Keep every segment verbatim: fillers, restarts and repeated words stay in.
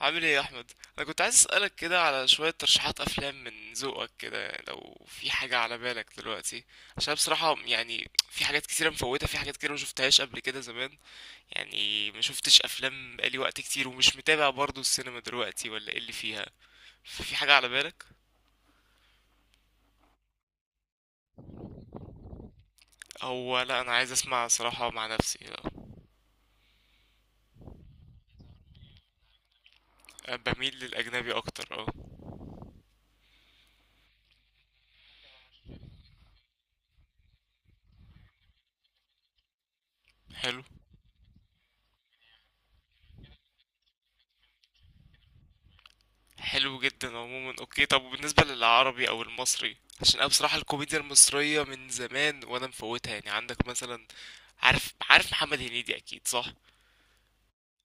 عامل ايه يا احمد؟ انا كنت عايز اسالك كده على شويه ترشيحات افلام من ذوقك كده، لو في حاجه على بالك دلوقتي. عشان بصراحه يعني في حاجات كتيره مفوتة، في حاجات كتيره ما شفتهاش قبل كده زمان. يعني ما شفتش افلام بقالي وقت كتير ومش متابع برضو السينما دلوقتي ولا ايه اللي فيها. ففي حاجه على بالك؟ او لا، انا عايز اسمع صراحه مع نفسي، لا. بميل للاجنبي اكتر، اه. حلو. حلو جدا عموما، اوكي. طب وبالنسبة للعربي او المصري، عشان انا بصراحة الكوميديا المصرية من زمان وانا مفوتها، يعني عندك مثلا؟ عارف عارف محمد هنيدي اكيد صح؟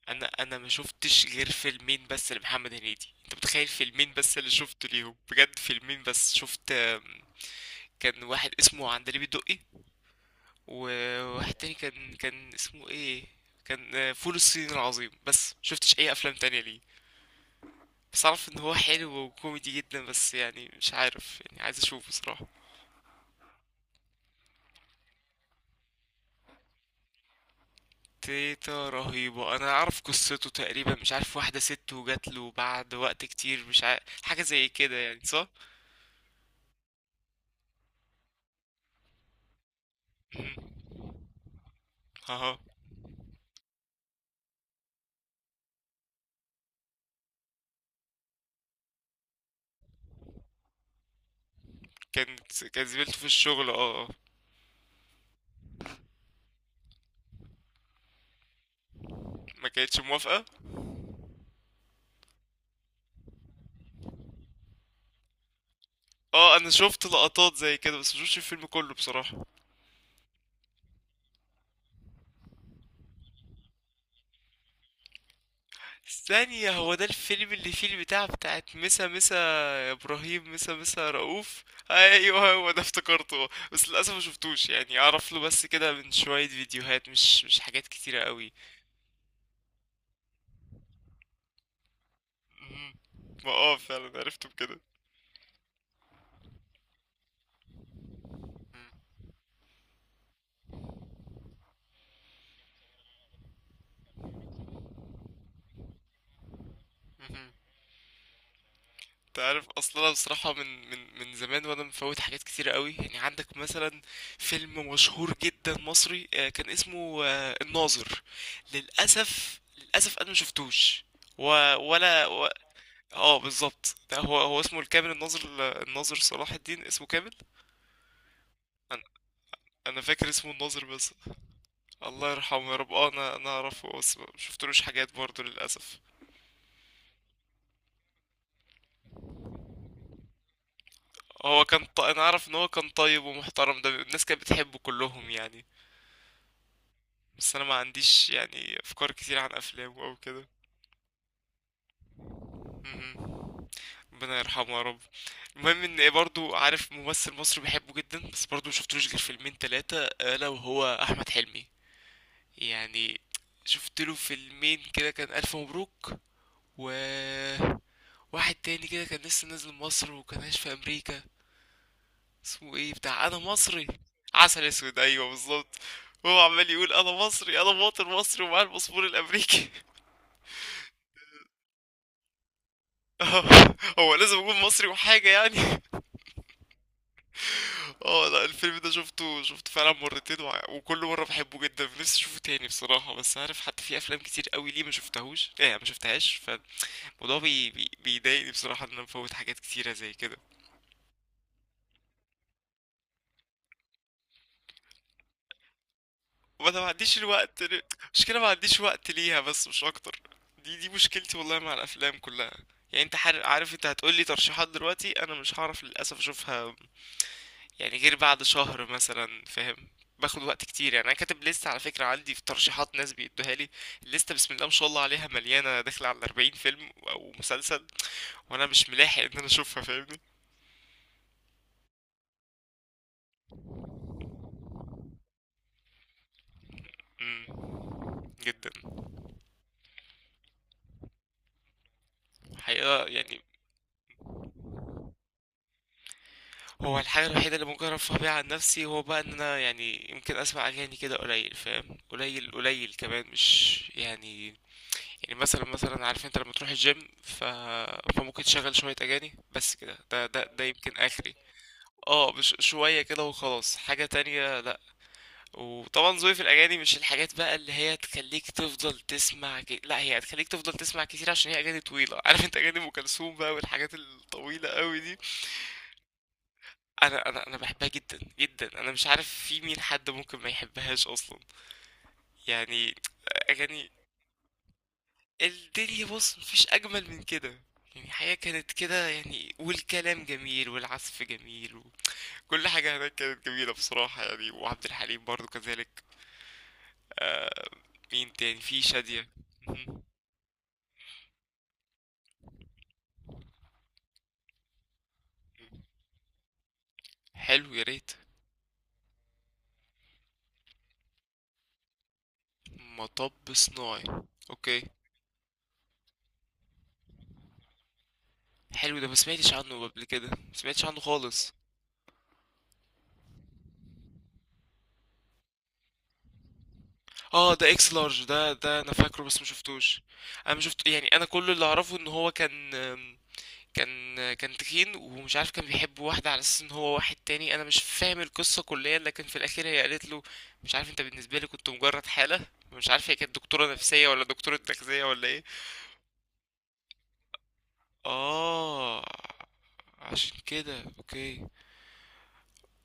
انا انا ما شفتش غير فيلمين بس لمحمد هنيدي، انت متخيل؟ فيلمين بس اللي شفته ليهم بجد، فيلمين بس شفت آم، كان واحد اسمه عندليب الدقي. وواحد تاني كان كان اسمه ايه؟ كان آه، فول الصين العظيم، بس شفتش اي افلام تانية ليه. بس اعرف ان هو حلو وكوميدي جدا، بس يعني مش عارف، يعني عايز اشوفه بصراحة. تيتا رهيبة انا اعرف قصته تقريبا، مش عارف، واحدة ست وجات له بعد وقت كتير، مش عارف حاجة زي كده يعني، صح؟ مهم. اها. كان. كان زميلته في الشغل، اه. آه. ما كانتش موافقة. اه انا شفت لقطات زي كده بس مشوفش الفيلم كله بصراحة. ثانية، هو ده الفيلم اللي فيه البتاع بتاعت مسا مسا؟ يا ابراهيم مسا مسا رؤوف. ايوه هو ده، افتكرته. بس للاسف ما شفتوش، يعني اعرف له بس كده من شوية فيديوهات، مش مش حاجات كتيرة قوي. مم. ما اه فعلا عرفته بكده. مم. مهم. انت عارف اصلا، انا بصراحة من من من زمان وانا مفوت حاجات كتيرة قوي، يعني عندك مثلا فيلم مشهور جدا مصري آه، كان اسمه آه، الناظر. للاسف للاسف انا مشفتوش و... ولا. اه بالظبط، ده هو هو اسمه الكامل الناظر. الناظر صلاح الدين اسمه كامل. انا انا فاكر اسمه الناظر بس. الله يرحمه يا رب. اه انا انا اعرفه، بس ما شفتلوش حاجات برضه للاسف. هو كان ط... انا اعرف ان هو كان طيب ومحترم، ده الناس كانت بتحبه كلهم يعني. بس انا ما عنديش يعني افكار كتير عن افلامه او كده. مهم. ربنا يرحمه يا رب. المهم ان برضو عارف ممثل مصري بحبه جدا بس برضو مشفتلوش غير فيلمين تلاتة الا وهو احمد حلمي. يعني شفت له فيلمين كده، كان ألف مبروك. و واحد تاني كده كان لسه نازل مصر وكان عايش في أمريكا، اسمه ايه، بتاع أنا مصري. عسل أسود، أيوه بالظبط. هو عمال يقول أنا مصري، أنا مواطن مصري ومعايا الباسبور الأمريكي. آه، هو لازم أكون مصري وحاجة يعني. اه لا، الفيلم ده شفته شفته فعلا مرتين، وع- وكل مرة بحبه جدا، نفسي اشوفه تاني بصراحة. بس عارف، حتى في افلام كتير قوي ليه ما شفتهوش، ايه ما شفتهاش. الموضوع بي... بي... بيضايقني بصراحة، إن أنا بفوت حاجات كتيرة زي كده. وما أنا ما عنديش الوقت ل- مشكلة ما عنديش وقت ليها بس مش أكتر. دي دي مشكلتي والله مع الأفلام كلها. يعني أنت حر... عارف، أنت هتقولي ترشيحات دلوقتي، أنا مش هعرف للأسف أشوفها، يعني غير بعد شهر مثلا، فاهم. باخد وقت كتير. يعني أنا كاتب لستة على فكرة، عندي في ترشيحات ناس بيدوها لي. الليستة بسم الله ما شاء الله عليها مليانة، داخلة على أربعين فيلم أو مسلسل، وأنا مش ملاحق إن أنا أشوفها، فاهمني؟ مم، جدا. حقيقة يعني. هو الحاجة الوحيدة اللي ممكن ارفه بيها عن نفسي هو بقى ان انا يعني يمكن اسمع اغاني كده قليل، فاهم، قليل قليل كمان، مش يعني. يعني مثلا مثلا عارف انت لما تروح الجيم ف... فممكن تشغل شوية اغاني بس كده، ده ده ده يمكن اخري. اه، مش شوية كده وخلاص، حاجة تانية لا. وطبعا ذوقي في الأغاني مش الحاجات بقى اللي هي تخليك تفضل تسمع كي... لا، هي هتخليك تفضل تسمع كتير عشان هي أغاني طويلة. عارف انت، أغاني أم كلثوم بقى والحاجات الطويلة قوي دي. انا انا انا بحبها جدا جدا. انا مش عارف، في مين حد ممكن ما يحبهاش اصلا، يعني. اغاني. الدنيا بص، مفيش اجمل من كده. يعني الحياة كانت كده، يعني والكلام جميل والعزف جميل. وكل حاجة هناك كانت جميلة بصراحة يعني، وعبد الحليم برضو كذلك. مين تاني؟ في شادية. مهم. حلو، يا ريت. مطب صناعي. اوكي. حلو، ده ما سمعتش عنه قبل كده، ما سمعتش عنه خالص. اه، ده اكس لارج، ده ده انا فاكره بس ما شفتوش. انا ما شفت يعني، انا كل اللي اعرفه ان هو كان. كان كان تخين، ومش عارف، كان بيحب واحدة على اساس ان هو واحد تاني، انا مش فاهم القصة كليا، لكن في الاخير هي قالت له مش عارف انت، بالنسبة لي كنت مجرد حالة. مش عارف هي كانت دكتورة نفسية ولا دكتورة تغذية ولا ايه. اه، عشان كده اوكي،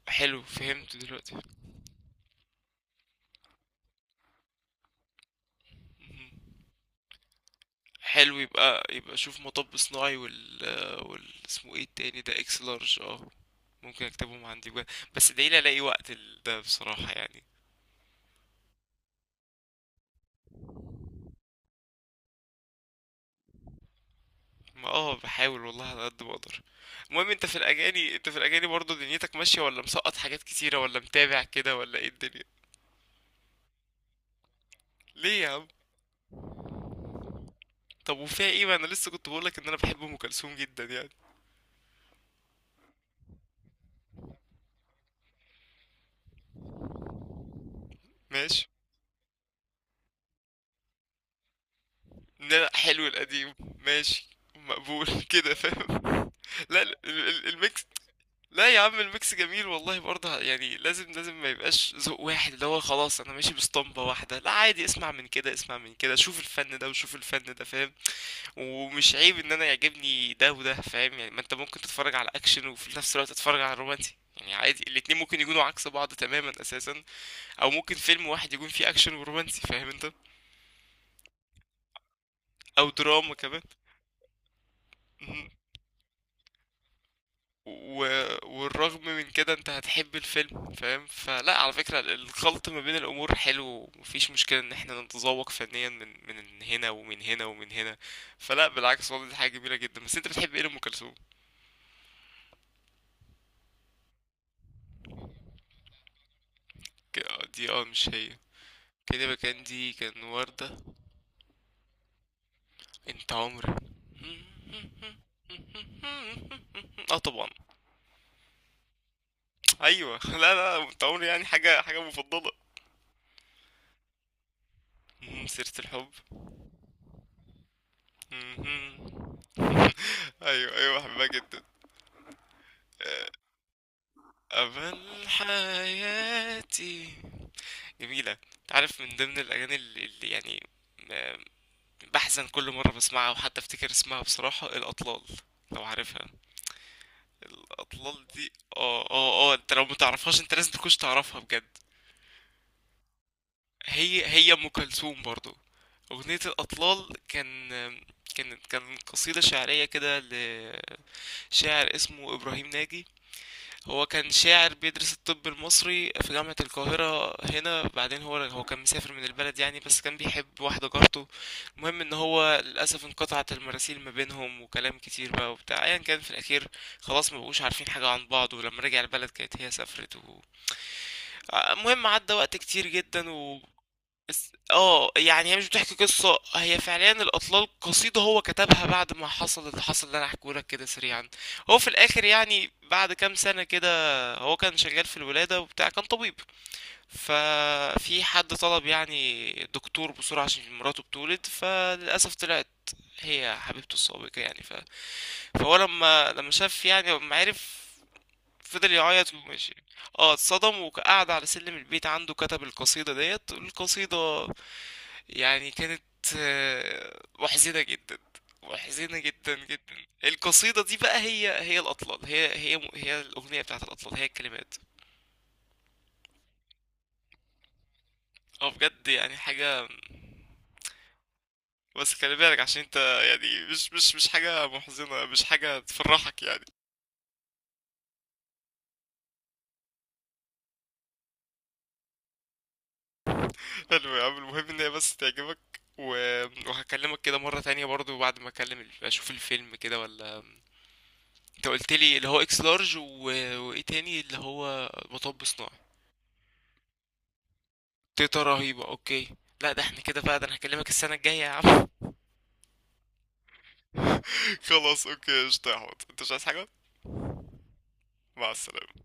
حلو فهمت دلوقتي. مهم. حلو، يبقى يبقى شوف مطب صناعي وال. وال اسمه ايه التاني ده؟ اكس لارج، اه. ممكن اكتبهم عندي بجد. بس ادعيلي الاقي وقت ال- ده بصراحة يعني. ما اه بحاول والله على قد ما اقدر. المهم، انت في الاغاني انت في الاغاني برضه دنيتك ماشية؟ ولا مسقط حاجات كتيرة ولا متابع كده ولا ايه الدنيا؟ ليه يا عم. طب وفيها ايه؟ ما انا لسه كنت بقولك ان انا بحب ام كلثوم جدا يعني. ماشي. لا، لا، حلو القديم ماشي. مقبول كده فاهم. لا، لا، ال- ال- الميكس. لا يا عم، الميكس جميل والله برضه، يعني لازم لازم ما يبقاش ذوق واحد اللي هو خلاص انا ماشي باسطمبة واحدة. لا، عادي، اسمع من كده، اسمع من كده، شوف الفن ده وشوف الفن ده، فاهم؟ ومش عيب ان انا يعجبني ده وده، فاهم يعني. ما انت ممكن تتفرج على اكشن وفي نفس الوقت تتفرج على رومانسي، يعني عادي، الاتنين ممكن يكونوا عكس بعض تماما اساسا. او ممكن فيلم واحد يكون فيه اكشن ورومانسي، فاهم انت. او دراما كمان. و... والرغم من كده انت هتحب الفيلم، فاهم. فلا، على فكرة الخلط ما بين الامور حلو، ومفيش مشكلة ان احنا نتذوق فنيا من من هنا ومن هنا ومن هنا. فلا، بالعكس والله، دي حاجة جميلة جدا. بس انت بتحب ايه لأم كلثوم؟ ك- آه، دي اه مش هي. كده يبقى كان دي، كان وردة. انت عمري. اه طبعا. ايوه لا لا، انت عمري يعني حاجة، حاجة مفضلة. مم، سيرة الحب. مم. ايوه ايوه بحبها جدا. أمل حياتي. جميلة. تعرف من ضمن الأغاني اللي اللي يعني م- بحزن كل مرة بسمعها، وحتى افتكر اسمها بصراحة، الأطلال، لو عارفها، الأطلال دي. اه اه اه، انت لو متعرفهاش انت لازم تكونش تعرفها بجد. هي هي أم كلثوم برضو. أغنية الأطلال كان كانت كان قصيدة شعرية كده لشاعر اسمه إبراهيم ناجي. هو كان شاعر بيدرس الطب المصري في جامعة القاهرة هنا، بعدين هو هو كان مسافر من البلد يعني، بس كان بيحب واحدة جارته. المهم ان هو للأسف انقطعت المراسيل ما بينهم وكلام كتير بقى وبتاع ايا كان، في الأخير خلاص ما بقوش عارفين حاجة عن بعض. ولما رجع البلد كانت هي سافرت و... المهم عدى وقت كتير جدا و... بس اه يعني هي مش بتحكي قصة، هي فعليا الأطلال قصيدة هو كتبها بعد ما حصل اللي حصل، اللي أنا هحكيهولك كده سريعا. هو في الآخر يعني بعد كام سنة كده، هو كان شغال في الولادة وبتاع، كان طبيب. ففي حد طلب يعني دكتور بسرعة عشان مراته بتولد، فللأسف طلعت هي حبيبته السابقة يعني. ف... فهو لما لما شاف، يعني لما عرف، فضل يعيط وماشي. اه اتصدم، وقعد على سلم البيت عنده، كتب القصيدة ديت القصيدة. يعني كانت آه، محزنة جدا، محزنة جدا جدا. القصيدة دي بقى، هي هي الأطلال، هي هي هي الأغنية بتاعت الأطلال، هي الكلمات. اه بجد يعني حاجة. بس خلي بالك عشان انت يعني، مش مش مش حاجة محزنة، مش حاجة تفرحك يعني. حلو يا عم، المهم ان هي بس تعجبك. و... وهكلمك كده مرة تانية برضو بعد ما اكلم ال- اشوف الفيلم كده ولا. انت قلت لي اللي هو اكس لارج و... وايه تاني اللي هو مطب صناعي. تيتا رهيبة، اوكي. لا، ده احنا كده بقى، ده انا هكلمك السنة الجاية يا عم. خلاص، اوكي قشطة يا حوت، انت مش عايز حاجة؟ مع السلامة.